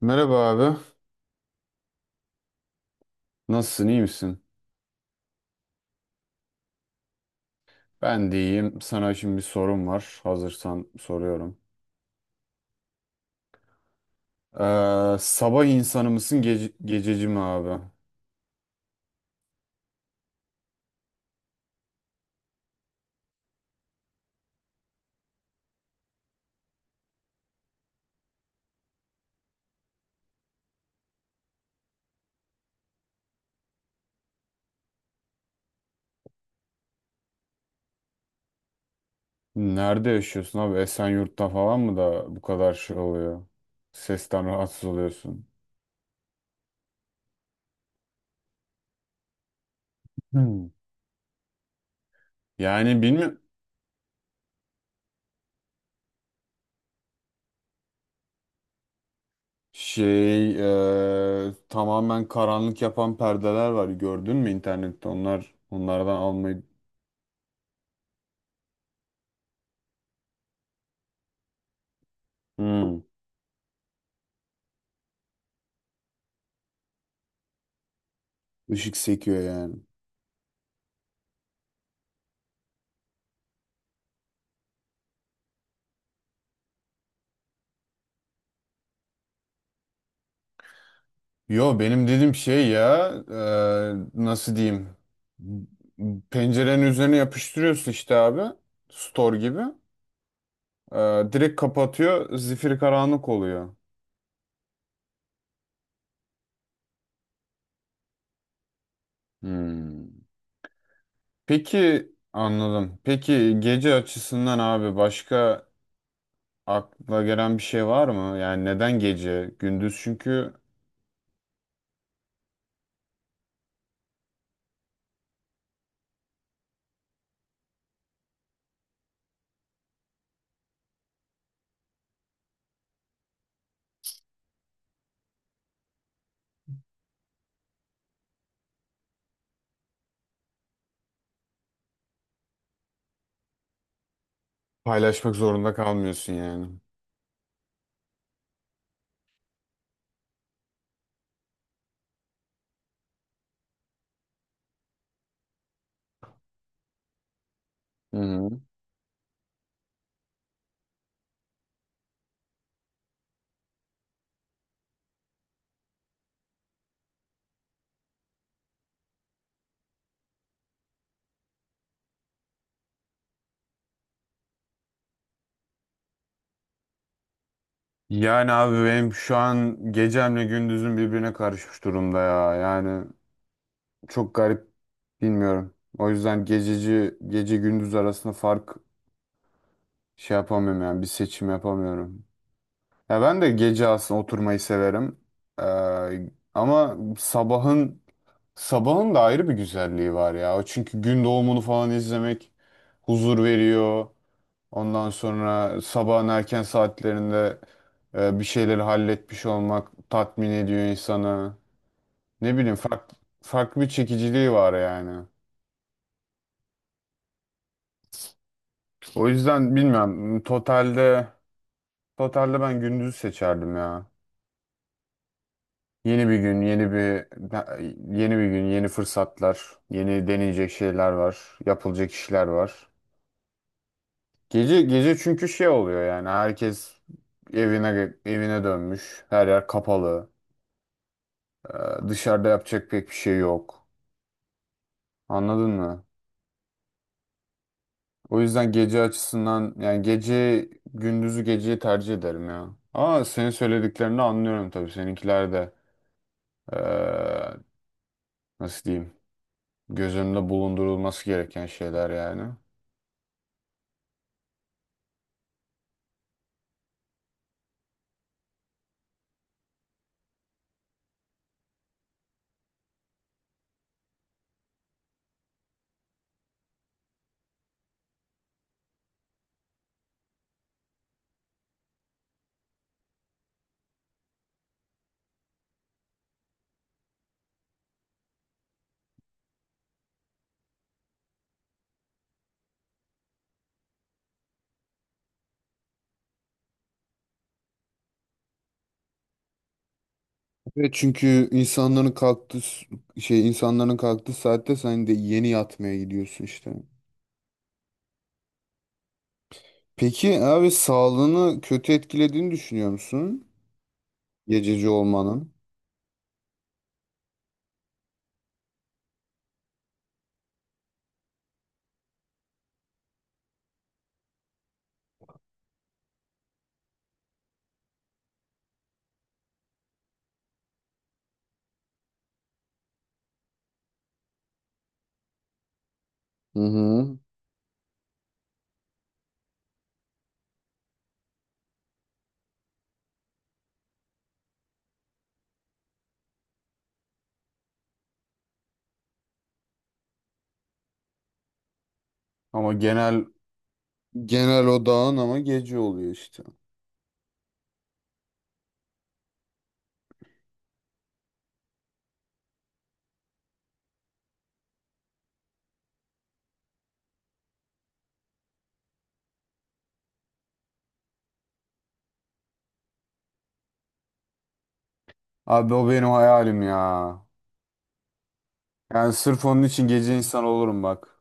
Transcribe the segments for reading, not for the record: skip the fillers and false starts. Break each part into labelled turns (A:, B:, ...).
A: Merhaba abi. Nasılsın, iyi misin? Ben de iyiyim. Sana şimdi bir sorum var. Hazırsan soruyorum. Sabah insanı mısın, gececi mi abi? Nerede yaşıyorsun abi? Esenyurt'ta falan mı da bu kadar şey oluyor? Sesten rahatsız oluyorsun. Hmm. Yani bilmiyorum. Şey, tamamen karanlık yapan perdeler var. Gördün mü internette? Onlardan almayı... Hmm. Işık sekiyor yani. Yo benim dedim şey ya, nasıl diyeyim, pencerenin üzerine yapıştırıyorsun işte abi, store gibi. E, Direkt kapatıyor, zifiri karanlık oluyor. Hmm. Peki anladım. Peki gece açısından abi başka akla gelen bir şey var mı? Yani neden gece? Gündüz çünkü paylaşmak zorunda kalmıyorsun yani. Hı hı. Yani abi benim şu an gecemle gündüzüm birbirine karışmış durumda ya yani. Çok garip, bilmiyorum. O yüzden gececi gece gündüz arasında fark şey yapamıyorum, yani bir seçim yapamıyorum. Ya ben de gece aslında oturmayı severim. Ee, ama sabahın da ayrı bir güzelliği var ya. O çünkü gün doğumunu falan izlemek huzur veriyor. Ondan sonra sabahın erken saatlerinde bir şeyleri halletmiş olmak tatmin ediyor insanı. Ne bileyim, farklı, farklı bir çekiciliği var yani. O yüzden bilmiyorum. Totalde ben gündüzü seçerdim ya. Yeni bir gün, yeni bir gün, yeni fırsatlar, yeni deneyecek şeyler var, yapılacak işler var. Gece, gece çünkü şey oluyor yani, herkes evine dönmüş. Her yer kapalı. Ee, Dışarıda yapacak pek bir şey yok. Anladın mı? O yüzden gece açısından yani gündüzü geceyi tercih ederim ya. Ama senin söylediklerini anlıyorum tabii, seninkiler de nasıl diyeyim, göz önünde bulundurulması gereken şeyler yani. Evet çünkü şey, insanların kalktığı saatte sen de yeni yatmaya gidiyorsun işte. Peki abi sağlığını kötü etkilediğini düşünüyor musun? Gececi olmanın. Hı hı. Ama genel, genel odağın ama gece oluyor işte. Abi o benim hayalim ya. Yani sırf onun için gece insan olurum bak.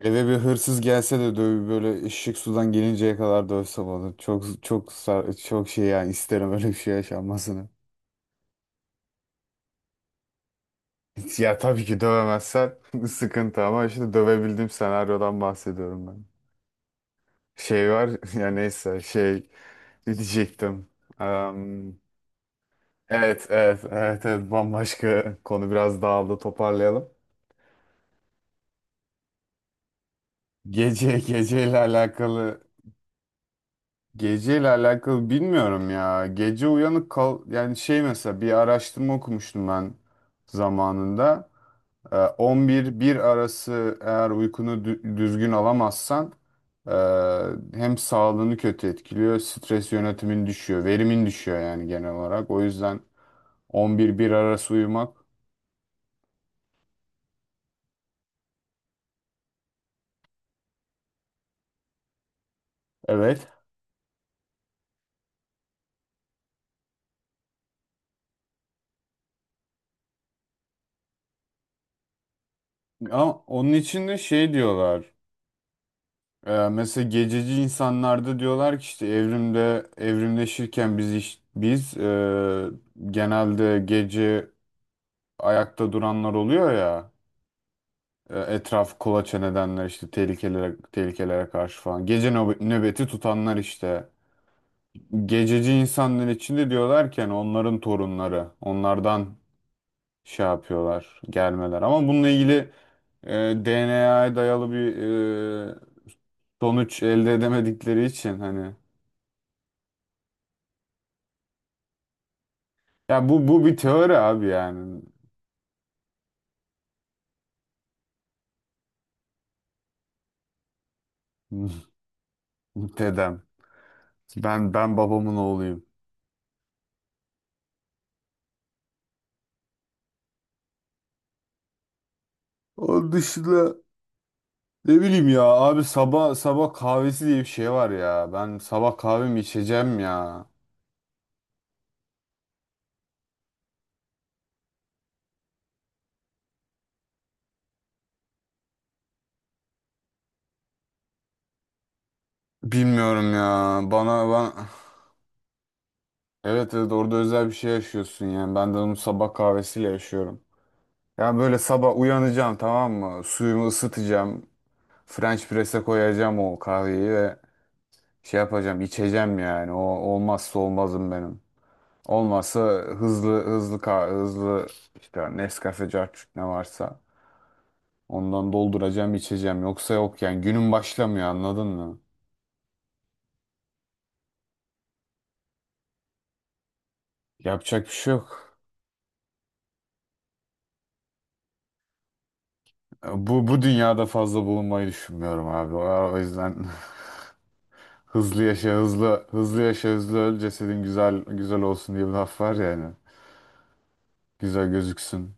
A: Eve bir hırsız gelse de döv, böyle ışık sudan gelinceye kadar dövsem onu. Çok şey yani, isterim öyle bir şey yaşanmasını. Ya tabii ki dövemezsen sıkıntı, ama işte dövebildiğim senaryodan bahsediyorum ben. Şey var, ya neyse şey diyecektim. Em, evet evet evet evet, bambaşka konu, biraz dağıldı, toparlayalım. Gece, geceyle alakalı, geceyle alakalı bilmiyorum ya. Gece uyanık kal, yani şey, mesela bir araştırma okumuştum ben zamanında. On bir bir arası eğer düzgün alamazsan, e, hem sağlığını kötü etkiliyor, stres yönetimin düşüyor, verimin düşüyor yani genel olarak. O yüzden on bir bir arası uyumak. Evet. Ama onun için de şey diyorlar. Mesela gececi insanlarda diyorlar ki işte, evrimde evrimleşirken biz genelde gece ayakta duranlar oluyor ya, etraf kolaçan edenler işte, tehlikelere karşı falan gece nöbeti tutanlar işte, gececi insanların içinde diyorlarken onların torunları onlardan şey yapıyorlar, gelmeler ama bununla ilgili DNA'ya dayalı bir e, sonuç elde edemedikleri için hani. Ya bu bir teori abi yani. Dedem. Ben babamın oğluyum. Onun dışında ne bileyim ya abi, sabah sabah kahvesi diye bir şey var ya. Ben sabah kahvemi içeceğim ya. Bilmiyorum ya. Bana ben evet evet, orada özel bir şey yaşıyorsun yani. Ben de onu sabah kahvesiyle yaşıyorum. Yani böyle sabah uyanacağım, tamam mı? Suyumu ısıtacağım. French press'e koyacağım o kahveyi ve şey yapacağım, içeceğim yani. O olmazsa olmazım benim. Olmazsa hızlı hızlı ka- hızlı işte Nescafe carçuk ne varsa ondan dolduracağım, içeceğim. Yoksa yok yani, günün başlamıyor, anladın mı? Yapacak bir şey yok. Bu bu dünyada fazla bulunmayı düşünmüyorum abi. O yüzden hızlı yaşa hızlı öl, cesedin güzel olsun diye bir laf var yani. Güzel gözüksün.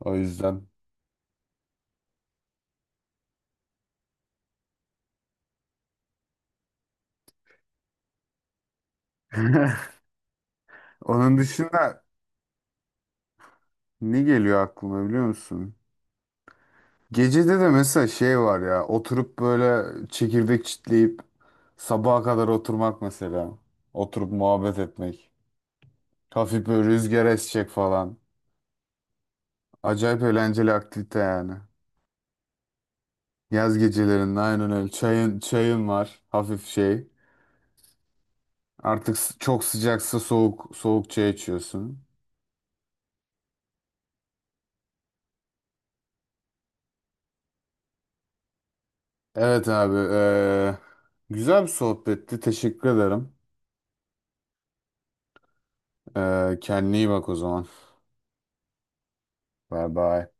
A: O yüzden. Onun dışında ne geliyor aklıma biliyor musun? Gecede de mesela şey var ya, oturup böyle çekirdek çitleyip sabaha kadar oturmak mesela. Oturup muhabbet etmek. Hafif böyle rüzgar esecek falan. Acayip eğlenceli aktivite yani. Yaz gecelerinde aynen öyle. Çayın var hafif şey. Çok sıcaksa soğuk soğuk çay içiyorsun. Evet abi, güzel bir sohbetti. Teşekkür ederim. Kendine iyi bak o zaman. Bye bye.